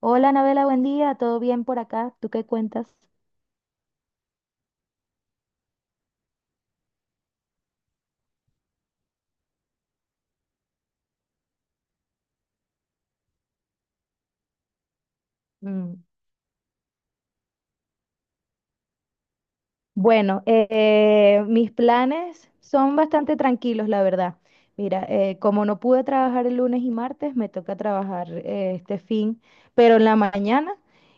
Hola, Anabela, buen día. ¿Todo bien por acá? ¿Tú qué cuentas? Mm, bueno, mis planes son bastante tranquilos, la verdad. Mira, como no pude trabajar el lunes y martes, me toca trabajar este fin, pero en la mañana.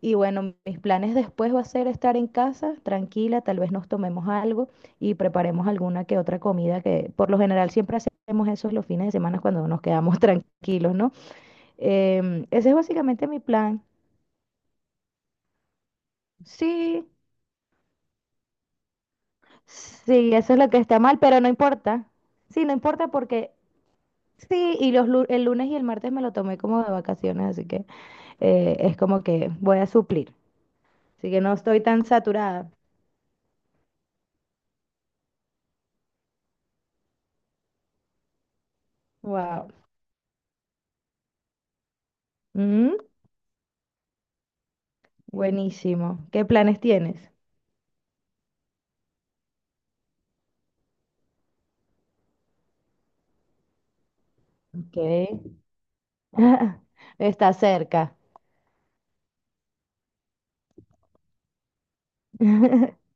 Y bueno, mis planes después va a ser estar en casa, tranquila, tal vez nos tomemos algo y preparemos alguna que otra comida, que por lo general siempre hacemos eso los fines de semana cuando nos quedamos tranquilos, ¿no? Ese es básicamente mi plan. Sí. Sí, eso es lo que está mal, pero no importa. Sí, no importa porque sí, y el lunes y el martes me lo tomé como de vacaciones, así que es como que voy a suplir. Así que no estoy tan saturada. Wow. Mm, buenísimo. ¿Qué planes tienes? Ok. Está cerca.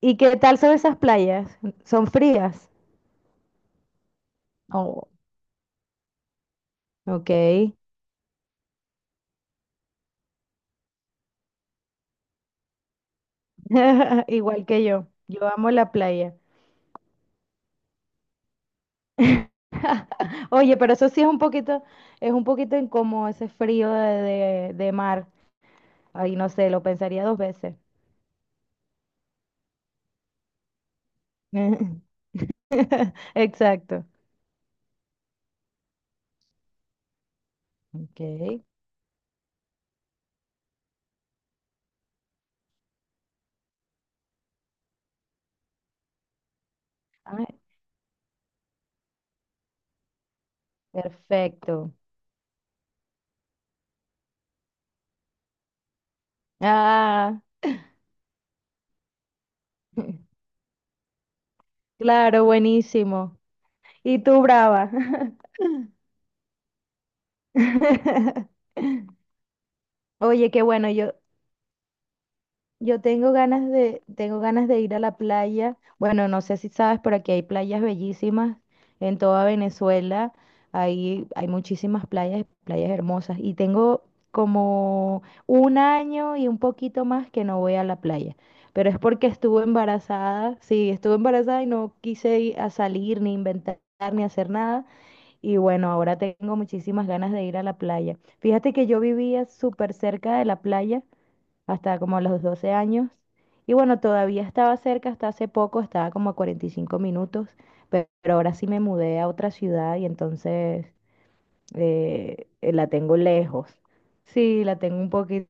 ¿Y qué tal son esas playas? ¿Son frías? Oh, ok. Igual que yo. Yo amo la playa. Oye, pero eso sí es un poquito incómodo ese frío de mar. Ay, no sé, lo pensaría dos veces. Exacto. Ok. Ay, perfecto. Ah, claro, buenísimo. Y tú, brava. Oye, qué bueno, yo tengo ganas de ir a la playa. Bueno, no sé si sabes, pero aquí hay playas bellísimas en toda Venezuela. Hay muchísimas playas, playas hermosas. Y tengo como un año y un poquito más que no voy a la playa. Pero es porque estuve embarazada. Sí, estuve embarazada y no quise ir a salir, ni inventar, ni hacer nada. Y bueno, ahora tengo muchísimas ganas de ir a la playa. Fíjate que yo vivía súper cerca de la playa hasta como los 12 años. Y bueno, todavía estaba cerca, hasta hace poco, estaba como a 45 minutos, pero ahora sí me mudé a otra ciudad y entonces la tengo lejos. Sí, la tengo un poquito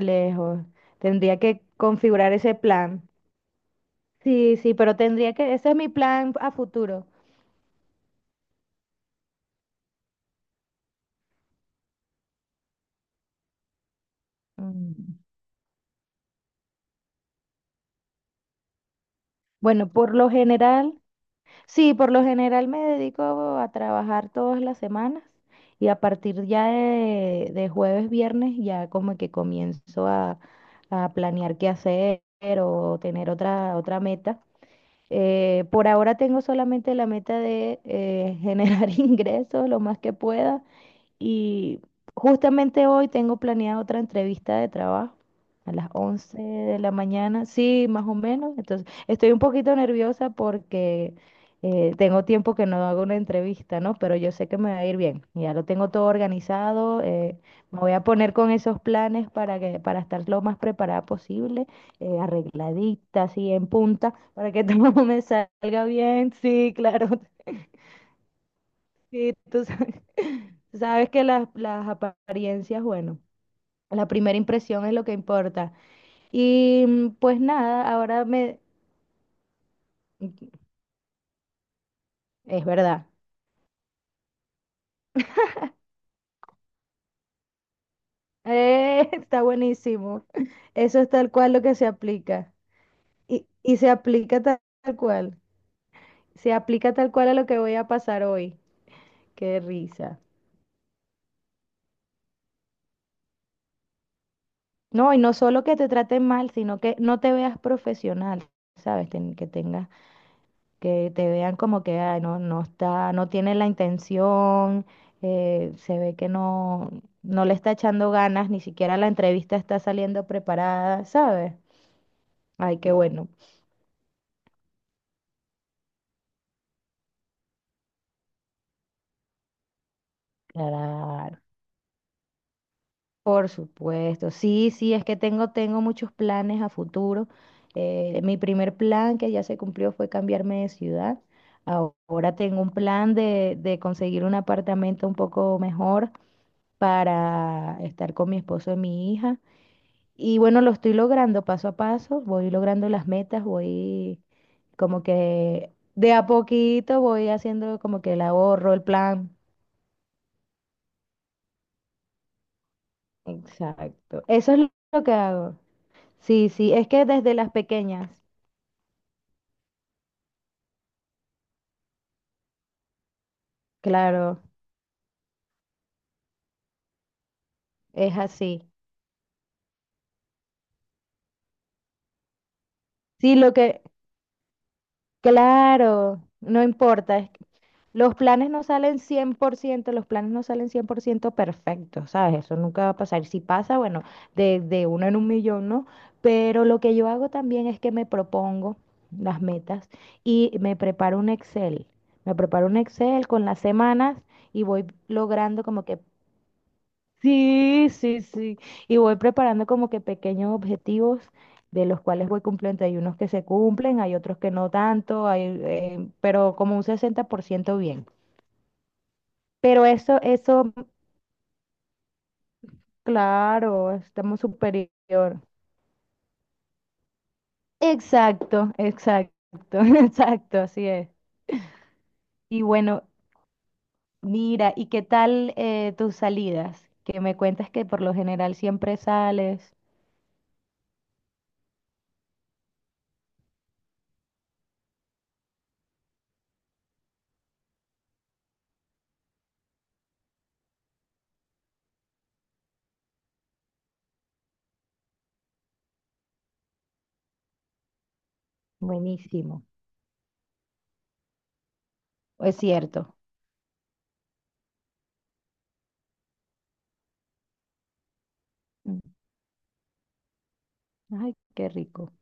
lejos. Tendría que configurar ese plan. Sí, sí, pero tendría que, ese es mi plan a futuro. Mm. Bueno, por lo general, sí, por lo general me dedico a trabajar todas las semanas y a partir ya de jueves, viernes, ya como que comienzo a planear qué hacer o tener otra, otra meta. Por ahora tengo solamente la meta de generar ingresos lo más que pueda y justamente hoy tengo planeada otra entrevista de trabajo a las 11 de la mañana, sí, más o menos. Entonces, estoy un poquito nerviosa porque tengo tiempo que no hago una entrevista, ¿no? Pero yo sé que me va a ir bien. Ya lo tengo todo organizado. Me voy a poner con esos planes para que, para estar lo más preparada posible, arregladita, así en punta, para que todo me salga bien. Sí, claro, sí, tú sabes que las apariencias, bueno, la primera impresión es lo que importa. Y mm, pues nada, ahora me... Es verdad. Está buenísimo. Eso es tal cual lo que se aplica. Y se aplica tal cual. Se aplica tal cual a lo que voy a pasar hoy. Qué risa. No, y no solo que te traten mal, sino que no te veas profesional, ¿sabes? Que tengas que te vean como que "Ay, no, no está, no tiene la intención, se ve que no, no le está echando ganas, ni siquiera la entrevista está saliendo preparada, ¿sabes? Ay, qué bueno. Claro. Por supuesto, sí, sí, es que tengo, tengo muchos planes a futuro. Mi primer plan que ya se cumplió fue cambiarme de ciudad. Ahora tengo un plan de conseguir un apartamento un poco mejor para estar con mi esposo y mi hija. Y bueno, lo estoy logrando paso a paso, voy logrando las metas, voy como que de a poquito voy haciendo como que el ahorro, el plan. Exacto. Eso es lo que hago. Sí, sí, es que desde las pequeñas, claro, es así. Sí, lo que, claro, no importa, es los planes no salen 100 por ciento, los planes no salen 100% perfectos, ¿sabes? Eso nunca va a pasar. Si pasa, bueno, de uno en 1 millón, ¿no? Pero lo que yo hago también es que me propongo las metas y me preparo un Excel. Me preparo un Excel con las semanas y voy logrando como que, sí, sí, sí, y voy preparando como que pequeños objetivos de los cuales voy cumpliendo. Hay unos que se cumplen, hay otros que no tanto, hay, pero como un 60 por ciento bien. Pero eso, claro, estamos superior. Exacto, exacto, exacto, así es. Y bueno, mira, ¿y qué tal tus salidas? Que me cuentas que por lo general siempre sales. Buenísimo, es cierto. Mm, ay, qué rico.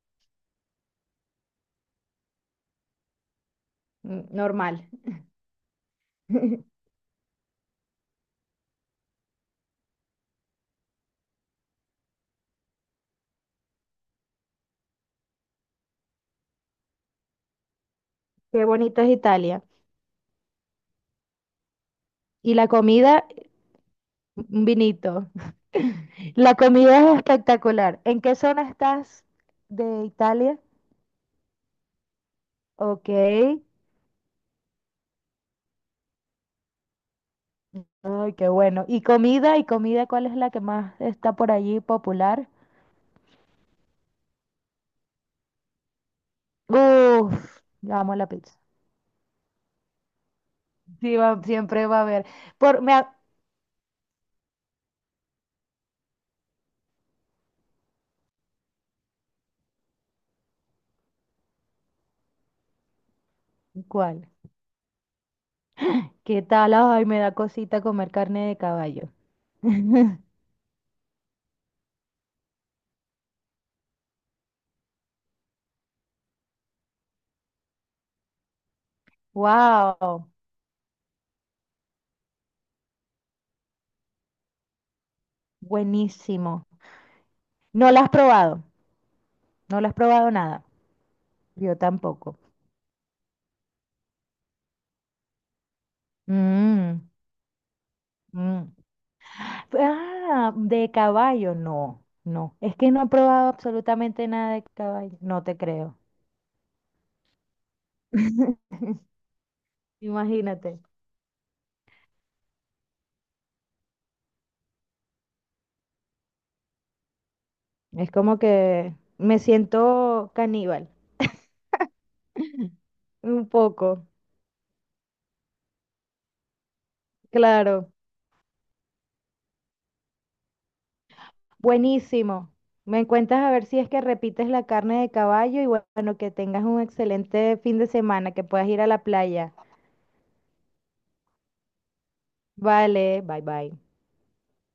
Mm, normal. Qué bonito es Italia. Y la comida, un vinito. La comida es espectacular. ¿En qué zona estás de Italia? Ok. Ay, qué bueno. ¿Y comida? ¿Y comida cuál es la que más está por allí popular? Uf, amo la pizza. Sí, siempre va a haber. Por, me, ha- ¿Cuál? ¿Qué tal? Ay, me da cosita comer carne de caballo. Wow, buenísimo. No la has probado, no la has probado nada. Yo tampoco. Mm, mm. Ah, de caballo, no, no. Es que no he probado absolutamente nada de caballo. No te creo. Imagínate, es como que me siento caníbal, un poco, claro, buenísimo. Me cuentas a ver si es que repites la carne de caballo y bueno, que tengas un excelente fin de semana, que puedas ir a la playa. Vale, bye bye.